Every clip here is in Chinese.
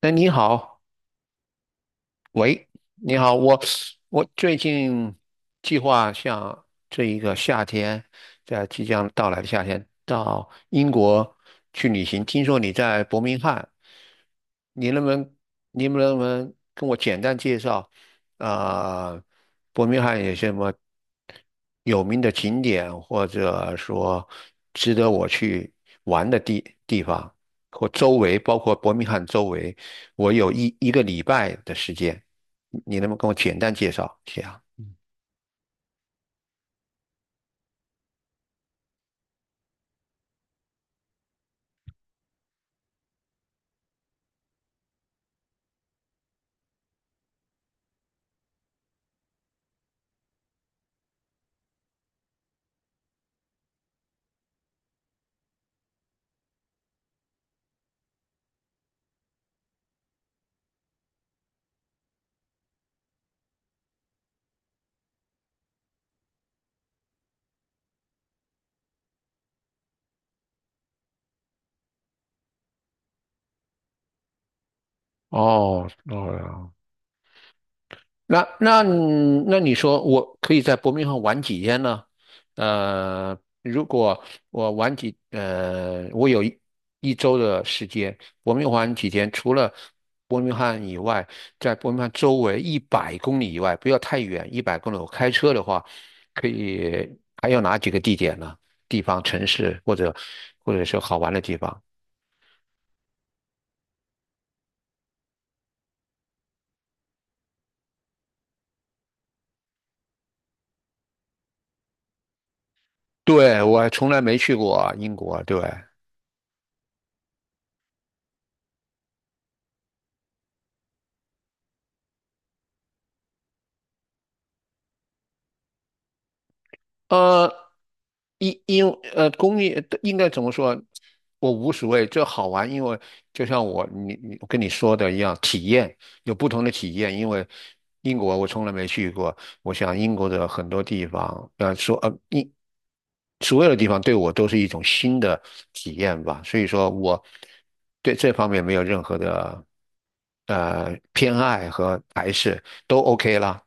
哎，你好。喂，你好。我最近计划像这一个夏天，在即将到来的夏天到英国去旅行。听说你在伯明翰，你能不能你能不能跟我简单介绍啊、呃伯明翰有什么有名的景点，或者说值得我去玩的地方，或周围，包括伯明翰周围。我有一个礼拜的时间，你能不能跟我简单介绍一下？哦，哦。那那那你说我可以在伯明翰玩几天呢？如果我玩几呃，我有一周的时间，伯明翰几天，除了伯明翰以外，在伯明翰周围一百公里以外，不要太远，一百公里，我开车的话，可以还有哪几个地点呢？地方、城市或者是好玩的地方？对，我还从来没去过英国。对。呃，因因呃，公业应该怎么说？我无所谓，这好玩。因为就像我跟你说的一样，体验有不同的体验。因为英国我从来没去过，我想英国的很多地方，所有的地方对我都是一种新的体验吧。所以说我对这方面没有任何的偏爱和排斥，都 OK 啦。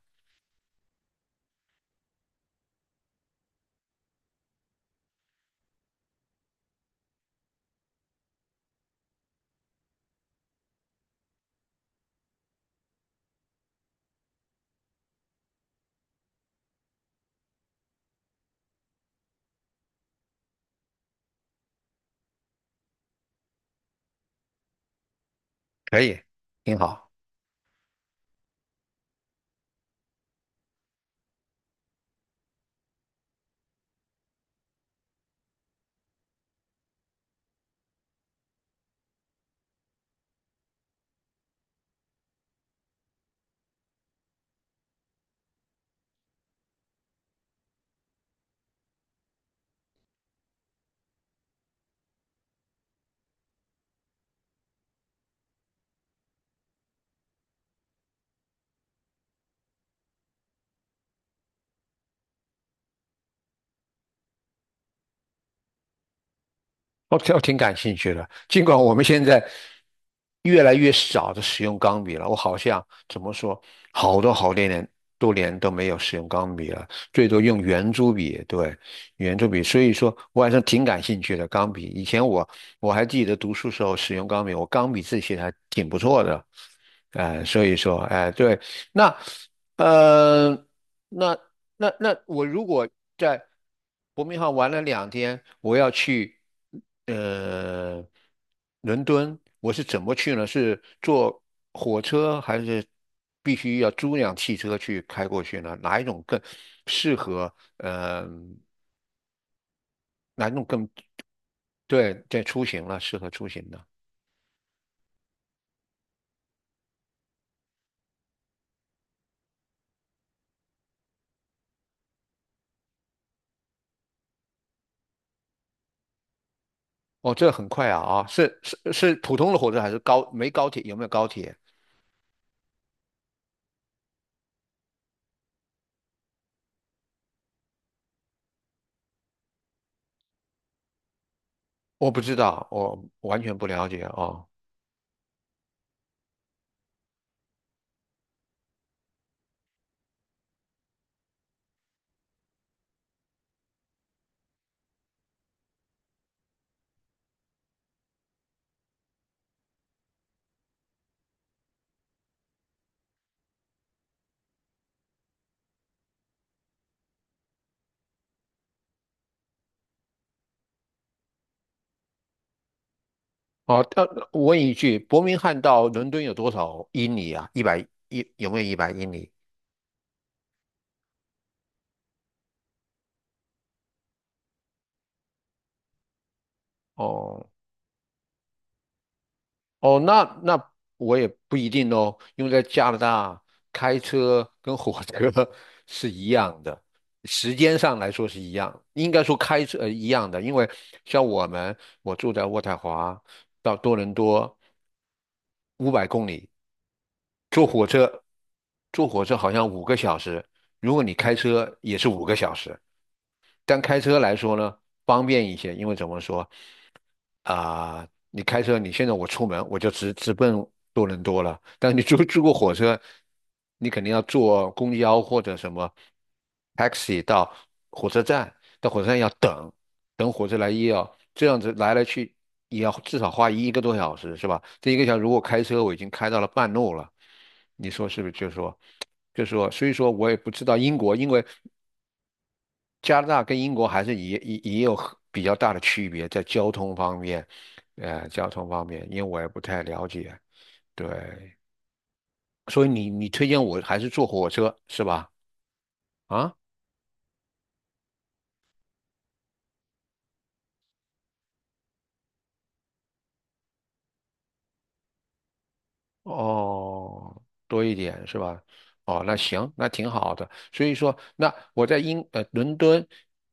可以，挺好。我挺感兴趣的。尽管我们现在越来越少的使用钢笔了，我好像怎么说，好多好多年多年都没有使用钢笔了，最多用圆珠笔。对，圆珠笔。所以说我还是挺感兴趣的钢笔。以前我还记得读书时候使用钢笔，我钢笔字写的还挺不错的。哎、所以说，哎、对。那呃，那那我如果在伯明翰玩了两天，我要去呃伦敦，我是怎么去呢？是坐火车还是必须要租辆汽车去开过去呢？哪一种更适合？嗯，对，在出行了，适合出行的。哦，这很快啊啊，是普通的火车还是高？没高铁？有没有高铁？我不知道，我完全不了解哦。哦，我问一句，伯明翰到伦敦有多少英里啊？一百一有没有100英里？哦哦。那我也不一定哦。因为在加拿大开车跟火车 是一样的，时间上来说是一样，应该说开车一样的。因为像我们我住在渥太华到多伦多500公里，坐火车坐火车好像五个小时，如果你开车也是五个小时。但开车来说呢，方便一些。因为怎么说啊、你开车，你现在我出门我就直奔多伦多了。但你坐过火车，你肯定要坐公交或者什么 taxi 到火车站，到火车站要等，等火车来也要这样子来来去也要至少花1个多小时，是吧？这1个小时如果开车，我已经开到了半路了，你说是不是？就是说，所以说我也不知道英国。因为加拿大跟英国还是也有很比较大的区别，在交通方面，因为我也不太了解，对。所以你推荐我还是坐火车是吧？啊，哦，多一点是吧？哦，那行，那挺好的。所以说，那我在伦敦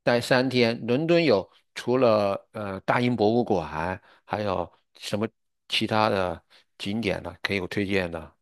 待三天，伦敦有除了大英博物馆，还有什么其他的景点呢？可以有推荐的？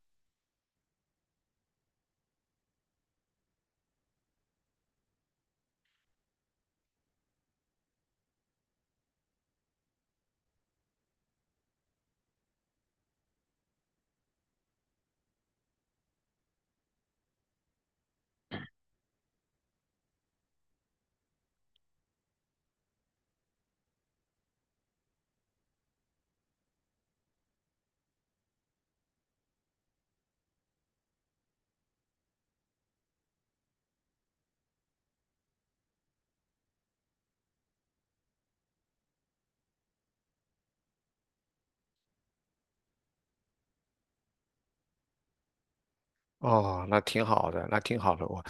哦，那挺好的，那挺好的。我，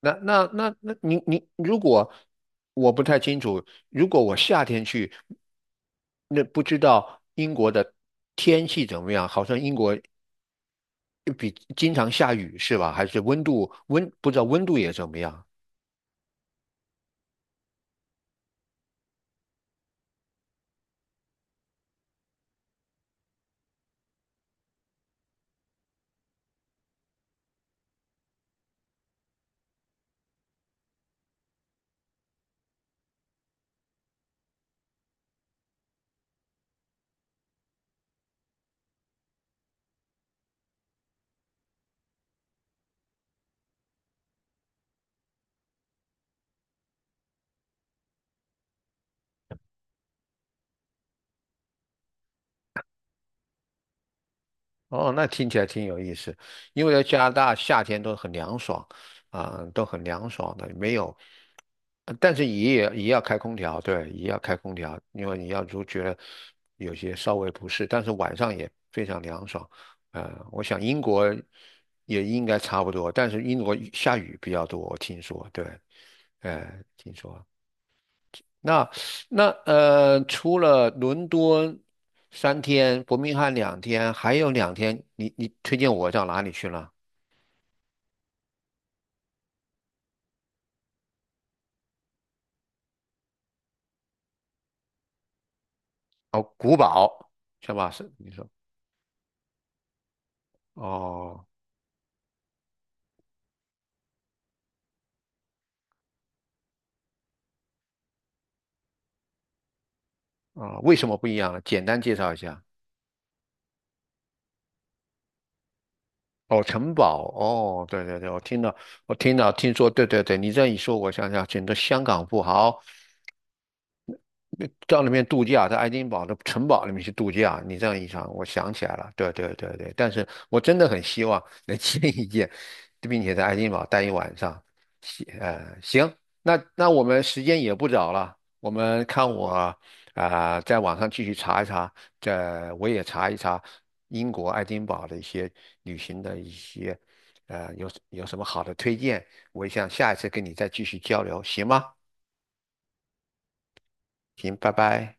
那那那那，你你，如果我不太清楚，如果我夏天去，那不知道英国的天气怎么样？好像英国比经常下雨是吧？还是温度不知道温度也怎么样？哦，那听起来挺有意思。因为在加拿大夏天都很凉爽。啊、都很凉爽的，没有。但是也要开空调。对，也要开空调。因为你要觉得有些稍微不适，但是晚上也非常凉爽。我想英国也应该差不多，但是英国下雨比较多，我听说。对。呃，听说。那那呃，除了伦敦三天，伯明翰两天，还有两天，你推荐我到哪里去了？哦，古堡是吧？是你说。哦啊，为什么不一样呢？简单介绍一下。哦，城堡哦，对对对。我听到，我听到，听说，对对对。你这样一说，我想想，整个香港富豪到那边度假，在爱丁堡的城堡里面去度假。你这样一想，我想起来了，对对对对。但是我真的很希望能 见一见，并且在爱丁堡待1晚上。行，行。那我们时间也不早了，我们看我啊、在网上继续查一查，这我也查一查英国爱丁堡的一些旅行的一些。有什么好的推荐。我想下一次跟你再继续交流，行吗？行，拜拜。